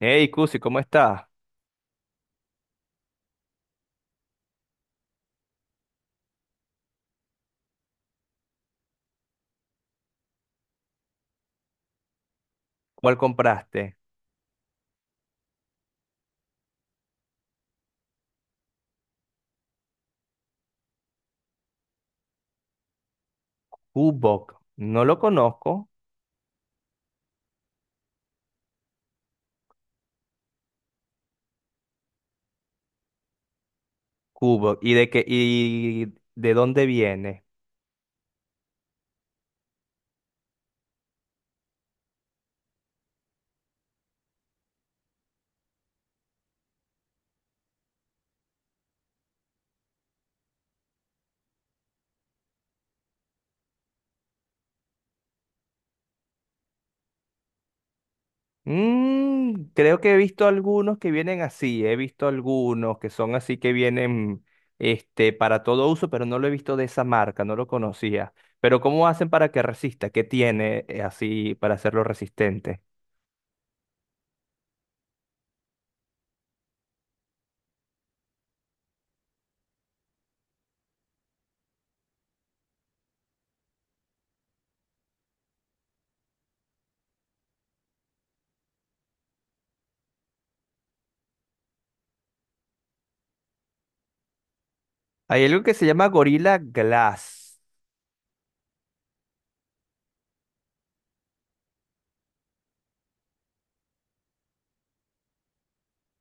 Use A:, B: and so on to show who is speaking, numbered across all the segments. A: Hey, Cusi, ¿cómo estás? ¿Cuál compraste? Kubok. No lo conozco. Kubok. ¿Y de dónde viene? Creo que he visto algunos que vienen así. He visto algunos que son así que vienen para todo uso, pero no lo he visto de esa marca, no lo conocía. Pero ¿cómo hacen para que resista? ¿Qué tiene así para hacerlo resistente? Hay algo que se llama Gorilla Glass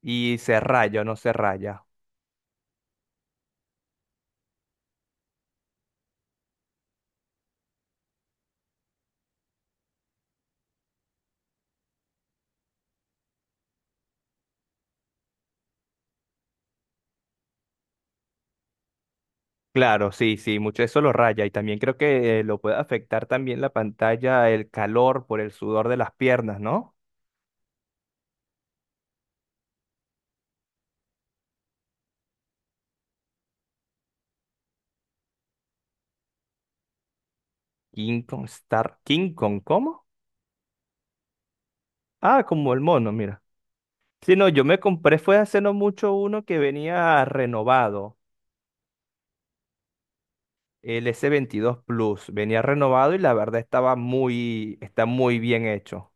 A: y se raya o no se raya. Claro, sí, sí, mucho eso lo raya y también creo que lo puede afectar también la pantalla, el calor por el sudor de las piernas, ¿no? King Kong Star, King Kong, ¿cómo? Ah, como el mono, mira. Sí, no, yo me compré fue hace no mucho uno que venía renovado, el S22 Plus, venía renovado y la verdad está muy bien hecho.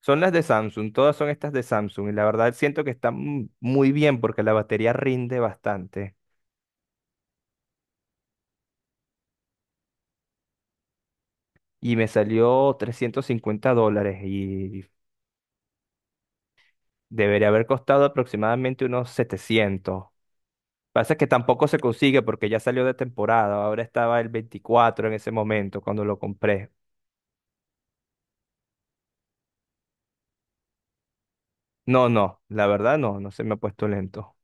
A: Son las de Samsung, todas son estas de Samsung y la verdad siento que están muy bien porque la batería rinde bastante. Y me salió $350 y debería haber costado aproximadamente unos 700. Pasa que tampoco se consigue porque ya salió de temporada, ahora estaba el 24 en ese momento cuando lo compré. No, no, la verdad no, no se me ha puesto lento.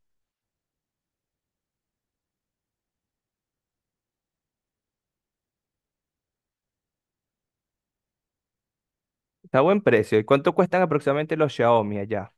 A: Está a buen precio. ¿Y cuánto cuestan aproximadamente los Xiaomi allá?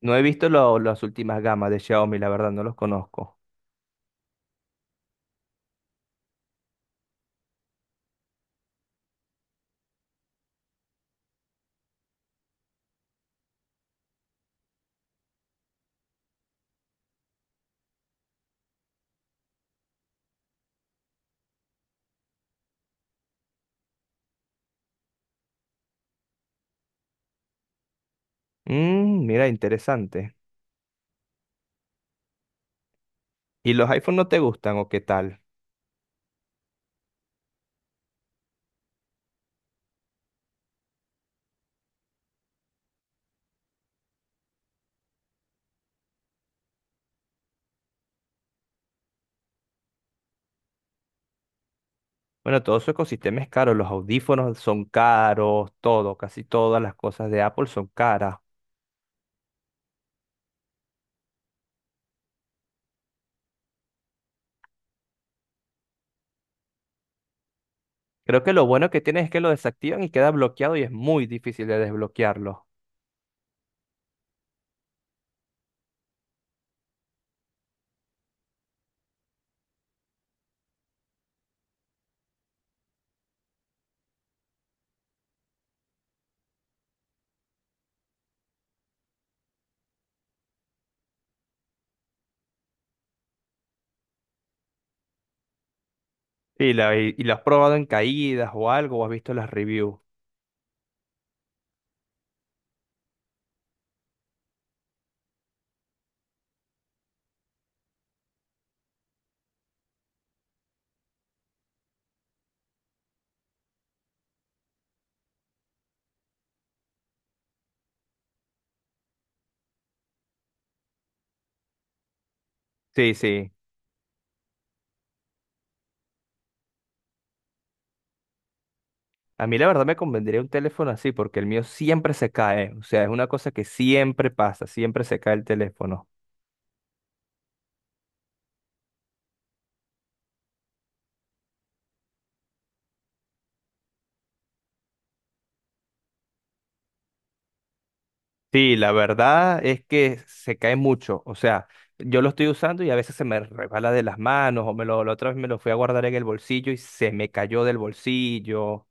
A: No he visto las últimas gamas de Xiaomi, la verdad no los conozco. Mira, interesante. ¿Y los iPhone no te gustan o qué tal? Bueno, todo su ecosistema es caro, los audífonos son caros, todo, casi todas las cosas de Apple son caras. Creo que lo bueno que tiene es que lo desactivan y queda bloqueado y es muy difícil de desbloquearlo. Y lo has probado en caídas o algo, o has visto las reviews. Sí, sí. A mí la verdad me convendría un teléfono así porque el mío siempre se cae. O sea, es una cosa que siempre pasa, siempre se cae el teléfono. Sí, la verdad es que se cae mucho. O sea, yo lo estoy usando y a veces se me resbala de las manos o la otra vez me lo fui a guardar en el bolsillo y se me cayó del bolsillo.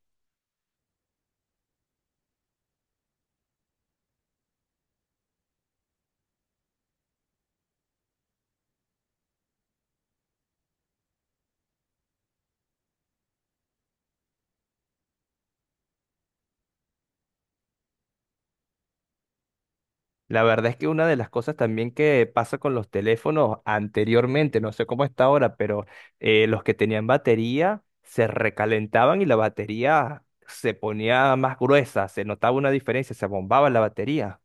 A: La verdad es que una de las cosas también que pasa con los teléfonos anteriormente, no sé cómo está ahora, pero los que tenían batería se recalentaban y la batería se ponía más gruesa, se notaba una diferencia, se bombaba la batería.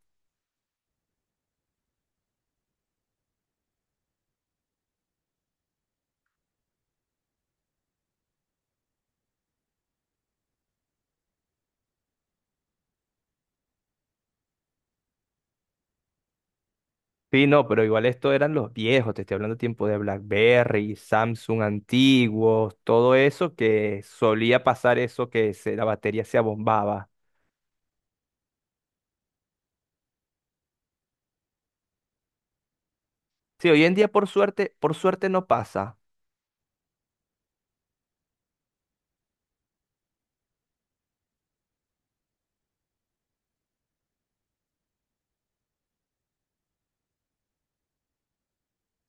A: Sí, no, pero igual esto eran los viejos, te estoy hablando de tiempo de BlackBerry, Samsung antiguos, todo eso que solía pasar eso que la batería se abombaba. Sí, hoy en día por suerte no pasa.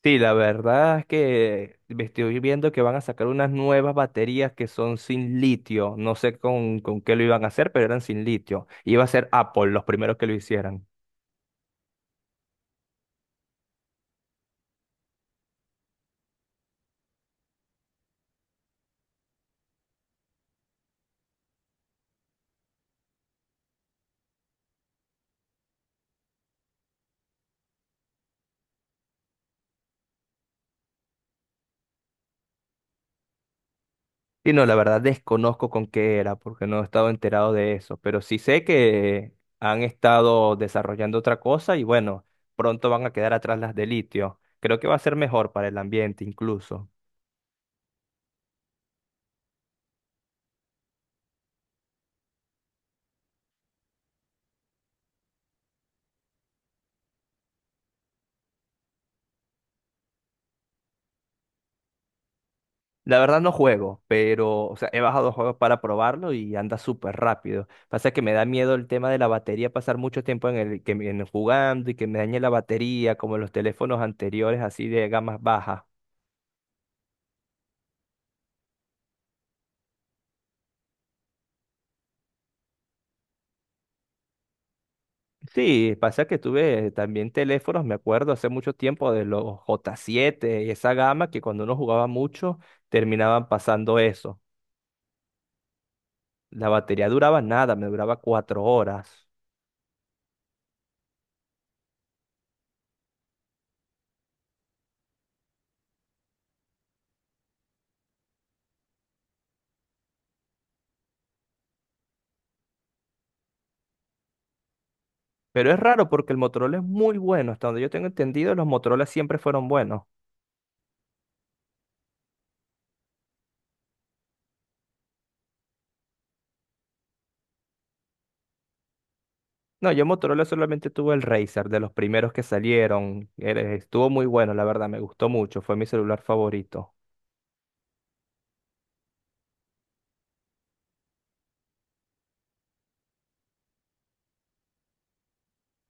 A: Sí, la verdad es que me estoy viendo que van a sacar unas nuevas baterías que son sin litio. No sé con qué lo iban a hacer, pero eran sin litio. Iba a ser Apple los primeros que lo hicieran. Y no, la verdad desconozco con qué era, porque no he estado enterado de eso, pero sí sé que han estado desarrollando otra cosa y bueno, pronto van a quedar atrás las de litio. Creo que va a ser mejor para el ambiente incluso. La verdad no juego, pero o sea, he bajado juegos para probarlo y anda súper rápido. Pasa que me da miedo el tema de la batería, pasar mucho tiempo en el, que, en jugando y que me dañe la batería, como los teléfonos anteriores así de gamas bajas. Sí, pasa que tuve también teléfonos, me acuerdo hace mucho tiempo de los J7 y esa gama que cuando uno jugaba mucho terminaban pasando eso. La batería duraba nada, me duraba 4 horas. Pero es raro porque el Motorola es muy bueno, hasta donde yo tengo entendido, los Motorola siempre fueron buenos. No, yo Motorola solamente tuve el Razer, de los primeros que salieron. Estuvo muy bueno, la verdad, me gustó mucho, fue mi celular favorito.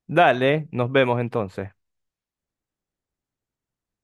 A: Dale, nos vemos entonces.